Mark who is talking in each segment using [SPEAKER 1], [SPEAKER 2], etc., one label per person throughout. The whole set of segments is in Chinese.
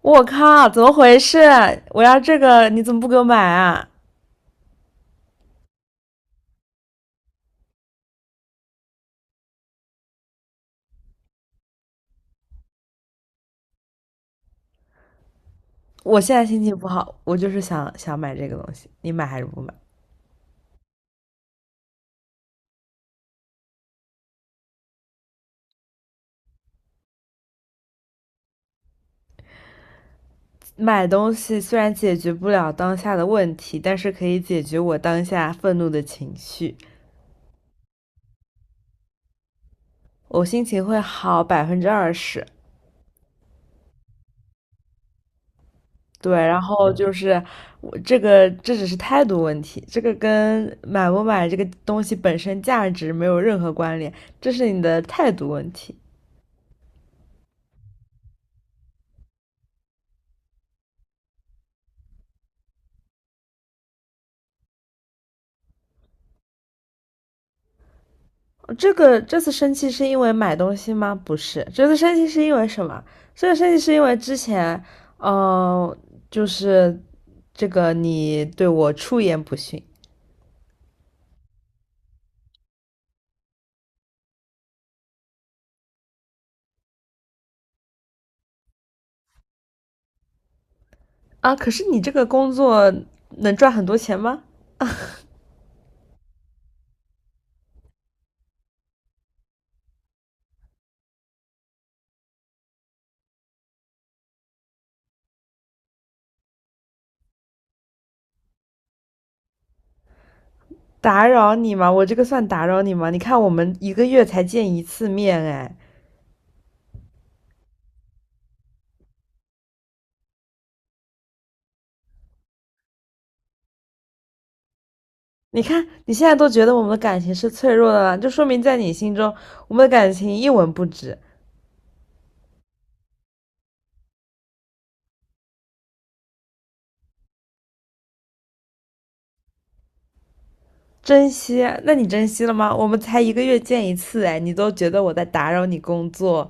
[SPEAKER 1] 我靠，怎么回事？我要这个，你怎么不给我买啊？我现在心情不好，我就是想买这个东西，你买还是不买？买东西虽然解决不了当下的问题，但是可以解决我当下愤怒的情绪，我心情会好20%。对，然后就是我这个，这只是态度问题，这个跟买不买这个东西本身价值没有任何关联，这是你的态度问题。这次生气是因为买东西吗？不是，这次生气是因为什么？这次生气是因为之前，嗯，就是这个你对我出言不逊啊。可是你这个工作能赚很多钱吗？打扰你吗？我这个算打扰你吗？你看我们一个月才见一次面，哎，你看你现在都觉得我们的感情是脆弱的了，就说明在你心中我们的感情一文不值。珍惜？那你珍惜了吗？我们才一个月见一次，哎，你都觉得我在打扰你工作，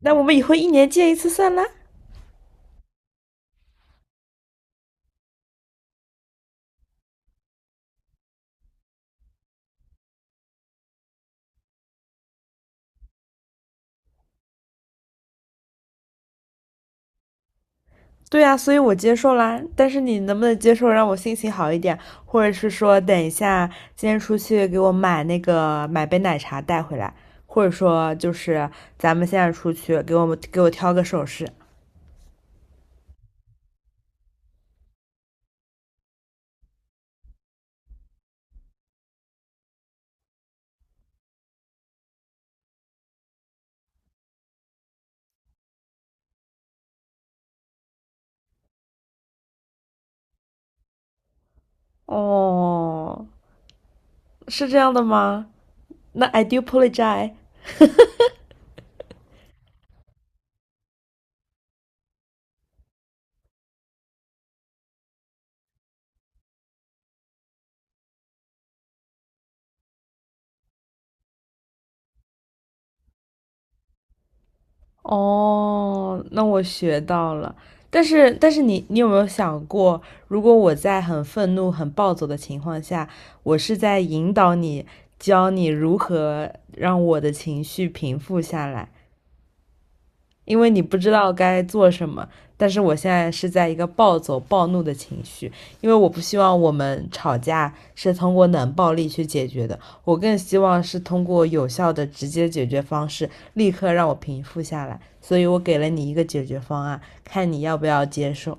[SPEAKER 1] 那我们以后一年见一次算了？对啊，所以我接受啦。但是你能不能接受让我心情好一点，或者是说等一下今天出去给我买那个买杯奶茶带回来，或者说就是咱们现在出去给我们给我挑个首饰。哦，是这样的吗？那 I do apologize. 哦，那我学到了。但是，你有没有想过，如果我在很愤怒、很暴走的情况下，我是在引导你，教你如何让我的情绪平复下来？因为你不知道该做什么。但是我现在是在一个暴走暴怒的情绪，因为我不希望我们吵架是通过冷暴力去解决的，我更希望是通过有效的直接解决方式，立刻让我平复下来。所以我给了你一个解决方案，看你要不要接受。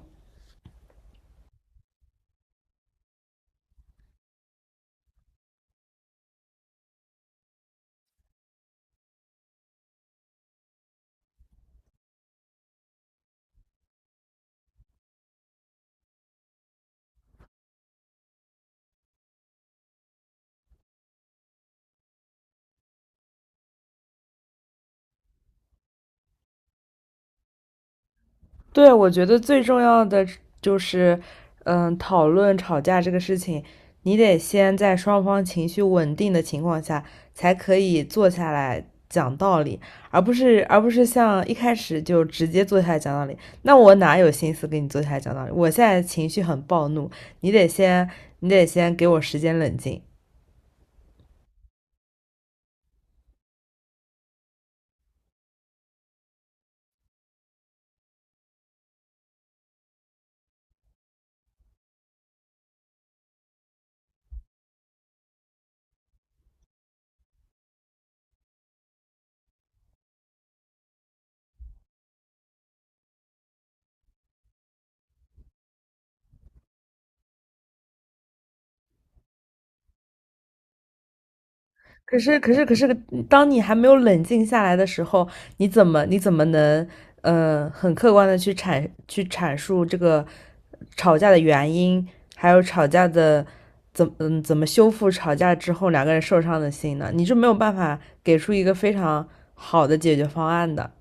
[SPEAKER 1] 对，我觉得最重要的就是，讨论吵架这个事情，你得先在双方情绪稳定的情况下，才可以坐下来讲道理，而不是像一开始就直接坐下来讲道理。那我哪有心思跟你坐下来讲道理？我现在情绪很暴怒，你得先你得先给我时间冷静。可是，可是，当你还没有冷静下来的时候，你怎么能，很客观的去去阐述这个吵架的原因，还有吵架的怎么修复吵架之后两个人受伤的心呢？你是没有办法给出一个非常好的解决方案的。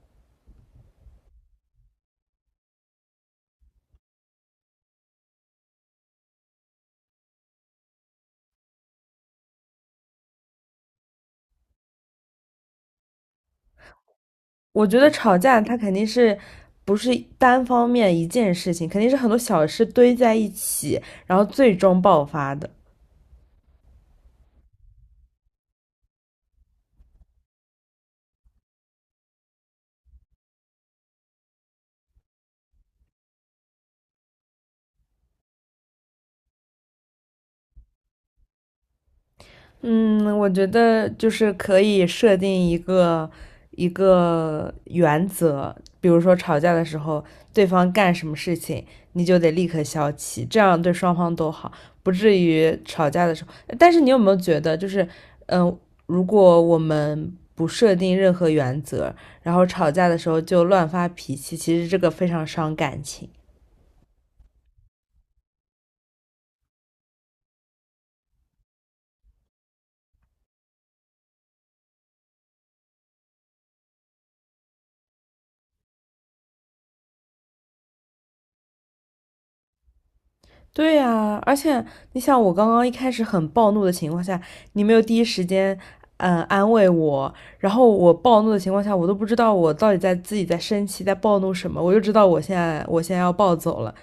[SPEAKER 1] 我觉得吵架它肯定是不是单方面一件事情，肯定是很多小事堆在一起，然后最终爆发的。嗯，我觉得就是可以设定一个一个原则，比如说吵架的时候，对方干什么事情，你就得立刻消气，这样对双方都好，不至于吵架的时候。但是你有没有觉得，嗯，呃如果我们不设定任何原则，然后吵架的时候就乱发脾气，其实这个非常伤感情。对呀，而且你想，我刚刚一开始很暴怒的情况下，你没有第一时间，安慰我，然后我暴怒的情况下，我都不知道我到底在自己在生气，在暴怒什么，我就知道我现在要暴走了，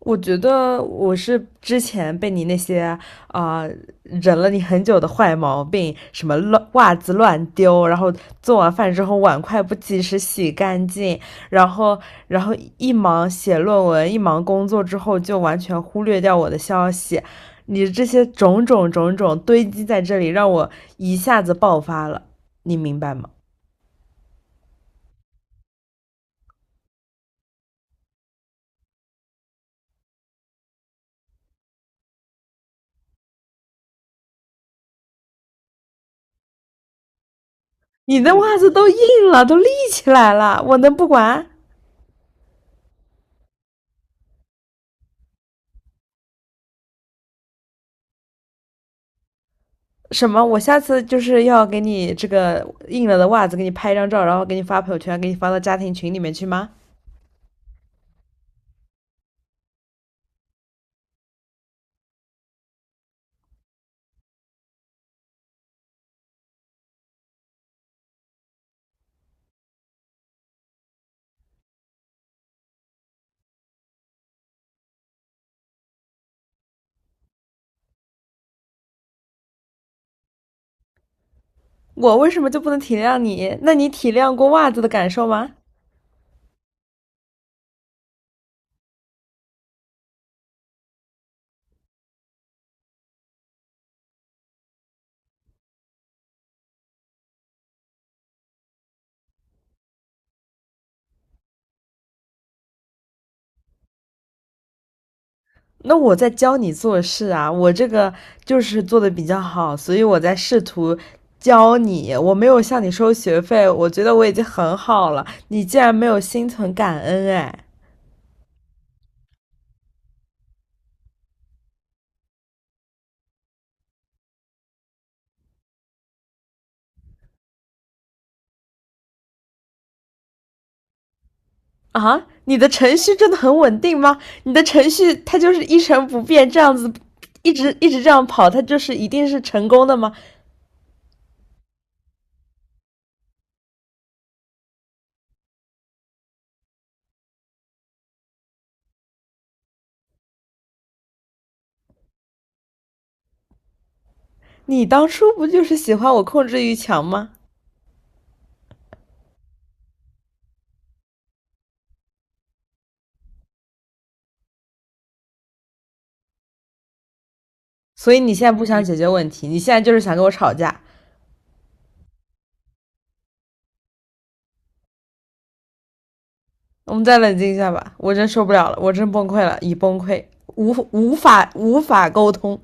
[SPEAKER 1] 我觉得我是之前被你那些啊、呃忍了你很久的坏毛病，什么乱袜子乱丢，然后做完饭之后碗筷不及时洗干净，然后然后一忙写论文，一忙工作之后就完全忽略掉我的消息，你这些种种种种堆积在这里，让我一下子爆发了，你明白吗？你的袜子都硬了，都立起来了，我能不管？什么？我下次就是要给你这个印了的袜子给你拍一张照，然后给你发朋友圈，给你发到家庭群里面去吗？我为什么就不能体谅你？那你体谅过袜子的感受吗？那我在教你做事啊，我这个就是做的比较好，所以我在试图教你。我没有向你收学费，我觉得我已经很好了。你竟然没有心存感恩，哎，啊，你的程序真的很稳定吗？你的程序它就是一成不变这样子，一直这样跑，它就是一定是成功的吗？你当初不就是喜欢我控制欲强吗？所以你现在不想解决问题，你现在就是想跟我吵架。我们再冷静一下吧，我真受不了了，我真崩溃了，已崩溃，无法沟通。